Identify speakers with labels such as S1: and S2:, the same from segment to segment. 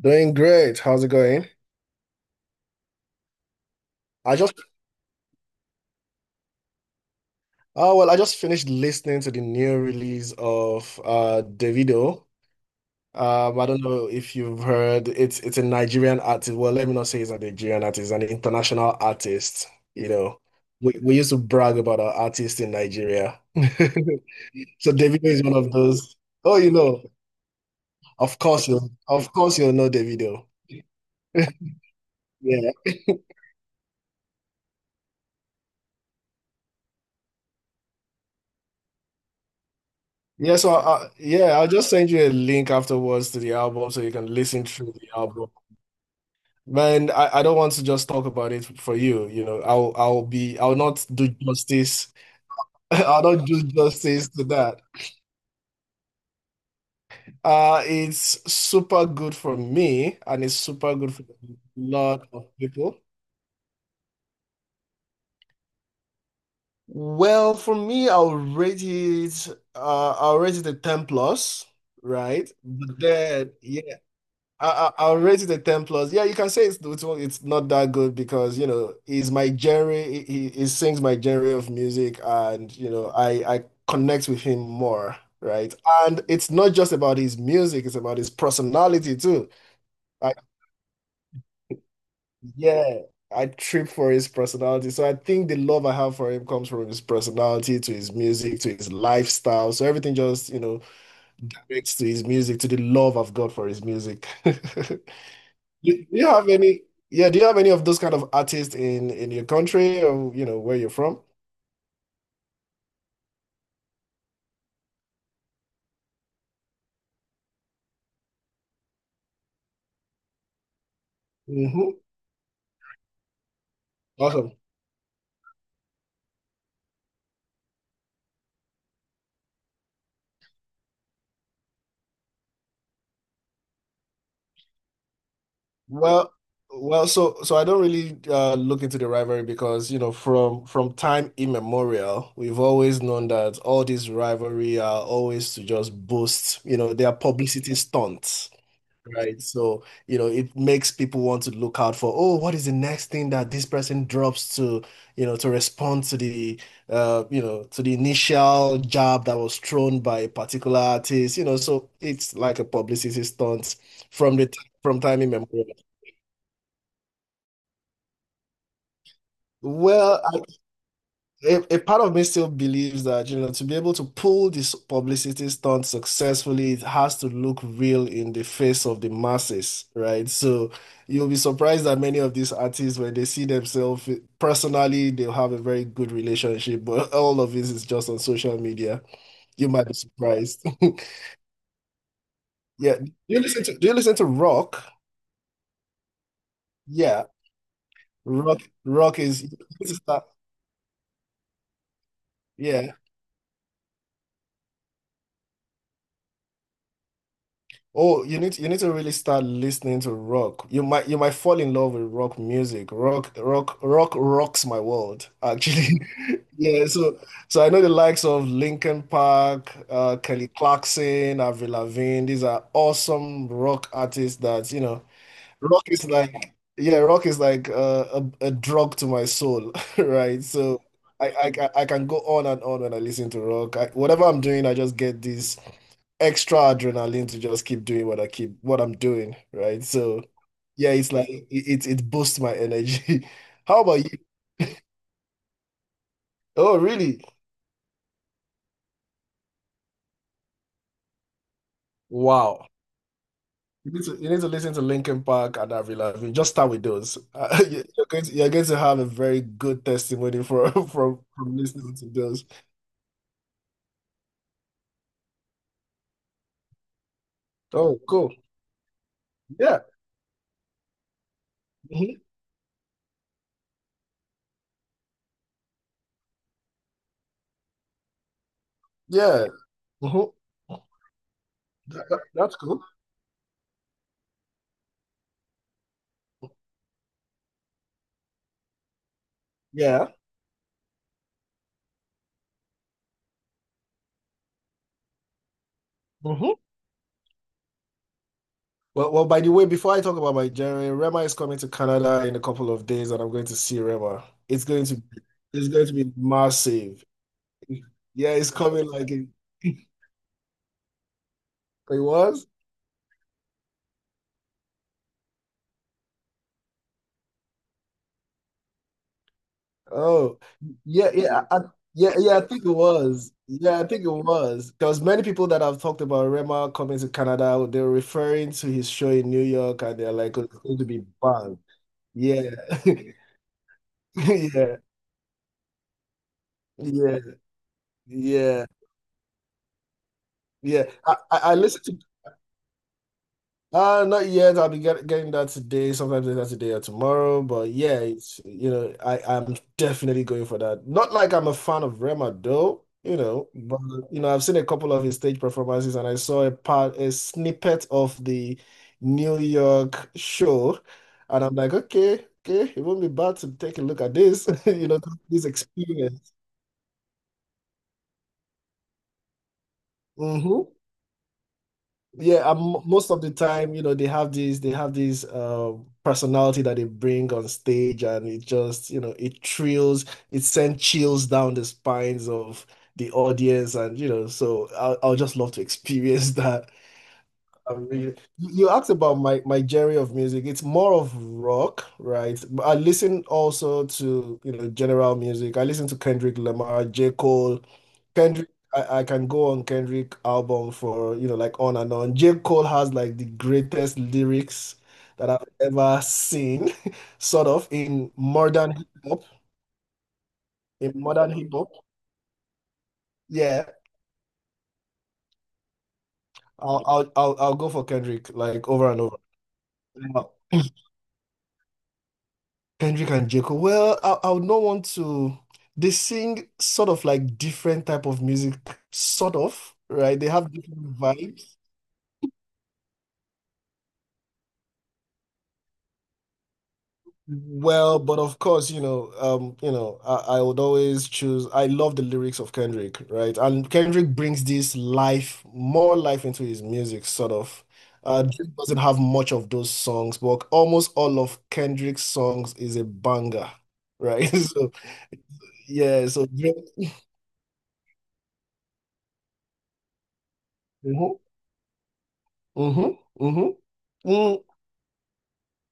S1: Doing great. How's it going? I just oh well, I just finished listening to the new release of Davido. I don't know if you've heard, it's a Nigerian artist. Well, let me not say he's a Nigerian artist, an international artist. You know, we used to brag about our artists in Nigeria. So Davido is one of those. Oh, of course you of course you'll know Davido. Yeah. Yeah, I'll just send you a link afterwards to the album so you can listen through the album. Man, I don't want to just talk about it for you. I'll not do justice. I'll not do justice to that. It's super good for me, and it's super good for a lot of people. Well, for me, I'll rate it a 10 plus, right? But then yeah, I'll rate it a 10 plus. Yeah, you can say it's not that good because, you know, he's my genre. He sings my genre of music, and you know I connect with him more, right? And it's not just about his music; it's about his personality too. I, yeah, I trip for his personality. So I think the love I have for him comes from his personality to his music to his lifestyle. So everything just directs to his music, to the love I've got for his music. Do do you have any, yeah, do you have any of those kind of artists in your country, or you know where you're from? Hmm. Awesome. Well, well, so I don't really look into the rivalry, because you know from time immemorial we've always known that all these rivalry are always to just boost, you know, their publicity stunts. Right. So, it makes people want to look out for, oh, what is the next thing that this person drops, to, to respond to to the initial jab that was thrown by a particular artist, so it's like a publicity stunt from from time immemorial. Well, a part of me still believes that, to be able to pull this publicity stunt successfully, it has to look real in the face of the masses, right? So you'll be surprised that many of these artists, when they see themselves personally, they'll have a very good relationship, but all of this is just on social media. You might be surprised. Yeah. Do you listen to rock? Yeah. Rock rock is Yeah. Oh, you need to really start listening to rock. You might fall in love with rock music. Rock rocks my world, actually. Yeah, so I know the likes of Linkin Park, Kelly Clarkson, Avril Lavigne. These are awesome rock artists that, rock is like yeah, rock is like a drug to my soul, right? So I can go on and on when I listen to rock. Whatever I'm doing, I just get this extra adrenaline to just keep doing what I'm doing, right? So yeah, it's like it boosts my energy. How about you? Oh, really? Wow. You need to listen to Linkin Park and Avril Lavigne. Just start with those. You're going to have a very good testimony for from listening to those. Oh, cool. Yeah. Mhm. Yeah. Mhm. That's cool. Yeah. Mhm. Well, by the way, before I talk about my journey, Rema is coming to Canada in a couple of days, and I'm going to see Rema. It's going to be, it's going to be massive. Yeah, it's coming like in- it was. Oh, yeah, yeah, yeah, yeah. I think it was. Yeah, I think it was. There was many people that have talked about Rema coming to Canada. They're referring to his show in New York, and they're like, "Oh, it's going to be bang." Yeah, yeah, yeah, yeah, yeah. I listened to. Not yet. I'll be getting that today, sometimes later today or tomorrow. But yeah, it's, I'm definitely going for that. Not like I'm a fan of Rema though, but I've seen a couple of his stage performances, and I saw a snippet of the New York show, and I'm like, okay, okay, it won't be bad to take a look at this, this experience. Mm-hmm. Yeah, most of the time, they have these personality that they bring on stage, and it just, you know, it thrills, it sends chills down the spines of the audience, and so I'll just love to experience that. You asked about my genre of music. It's more of rock, right? But I listen also to, general music. I listen to Kendrick Lamar, J. Cole. Kendrick, I can go on Kendrick album for, like, on and on. J. Cole has like the greatest lyrics that I've ever seen, sort of, in modern hip hop. In modern hip hop. Yeah. I'll go for Kendrick like, over and over. Kendrick and Jacob. Well, I would not want to. They sing sort of like different type of music, sort of, right? They have different vibes. Well, but of course, I would always choose. I love the lyrics of Kendrick, right? And Kendrick brings more life into his music, sort of. Drake doesn't have much of those songs, but almost all of Kendrick's songs is a banger, right? So yeah, so Drake. Mm-hmm. Mm-hmm. Mm,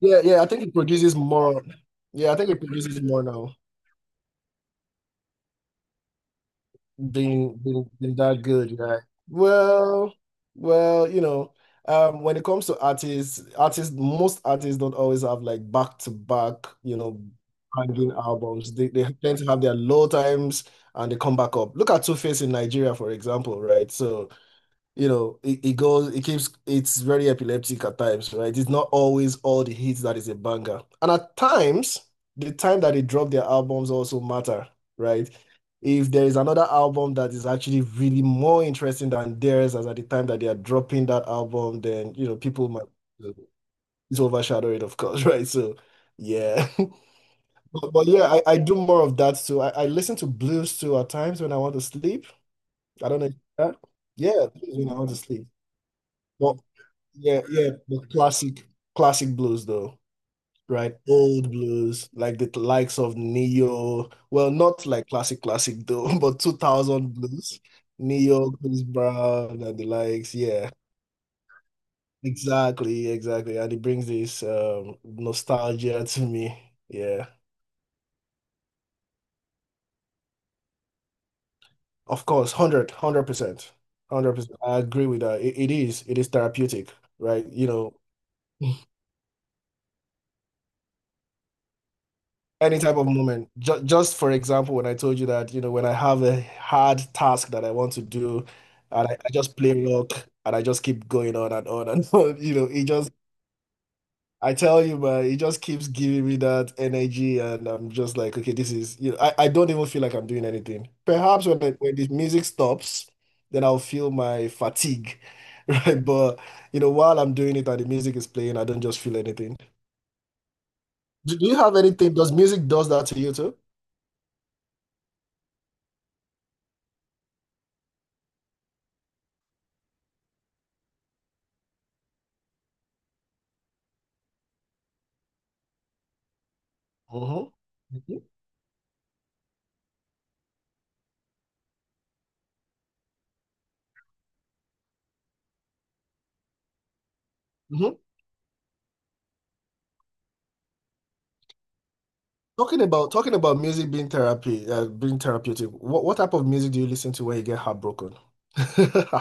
S1: yeah, yeah. I think it produces more. Yeah, I think it produces more now, being that good, right? Well, well, when it comes to artists, most artists don't always have like back to back, banging albums. They tend to have their low times and they come back up. Look at Two Face in Nigeria, for example, right? So you know, it goes, it keeps, it's very epileptic at times, right? It's not always all the hits that is a banger. And at times, the time that they drop their albums also matter, right? If there is another album that is actually really more interesting than theirs as at the time that they are dropping that album, then, people might it's overshadow it, of course, right? So, yeah. But, yeah, I do more of that too. I listen to blues too at times when I want to sleep. I don't know if you do that. Yeah, blues when I want to sleep. But yeah, yeah, the classic classic blues though, right? Old blues, like the likes of Neo. Well, not like classic classic though, but 2000 blues. Neo, Chris Brown, and the likes. Yeah, exactly, exactly. And it brings this nostalgia to me. Yeah. Of course, 100, percent 100%. I agree with that. It is therapeutic, right? Any type of moment. Ju Just for example, when I told you that, when I have a hard task that I want to do, and I just play rock, and I just keep going on and on. It just— I tell you, man, it just keeps giving me that energy, and I'm just like, okay, this is, you know, I don't even feel like I'm doing anything. Perhaps when when the music stops, then I'll feel my fatigue, right? But you know, while I'm doing it and the music is playing, I don't just feel anything. Do you have anything? Does that to you too? Mm-hmm. Hmm. Talking about music being therapy, being therapeutic. What type of music do you listen to when you get heartbroken?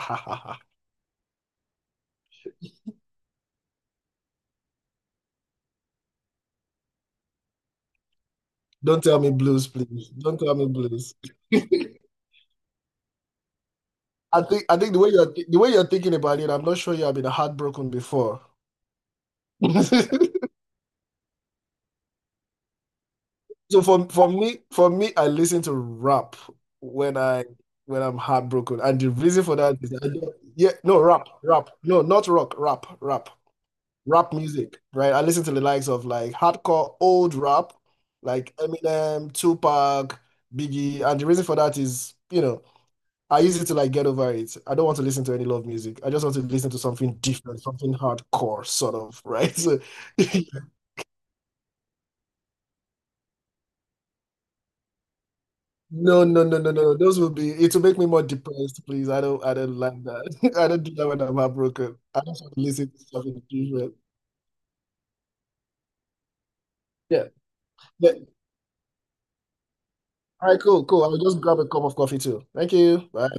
S1: Don't tell me blues, please. Don't tell me blues. I think the way you're thinking about it, I'm not sure you have been heartbroken before. So for me, I listen to rap when I when I'm heartbroken, and the reason for that is— I don't, yeah, no, rap, rap, no, not rock, rap, rap. Rap music, right? I listen to the likes of like hardcore old rap, like Eminem, Tupac, Biggie, and the reason for that is, I use it to like get over it. I don't want to listen to any love music. I just want to listen to something different, something hardcore, sort of, right? So, no, no, no, no, no, no. Those will be— it will make me more depressed, please. I don't like that. I don't do that when I'm heartbroken. I just want to listen to something different. Yeah. Yeah. All right, cool, cool. I'll just grab a cup of coffee too. Thank you. Bye.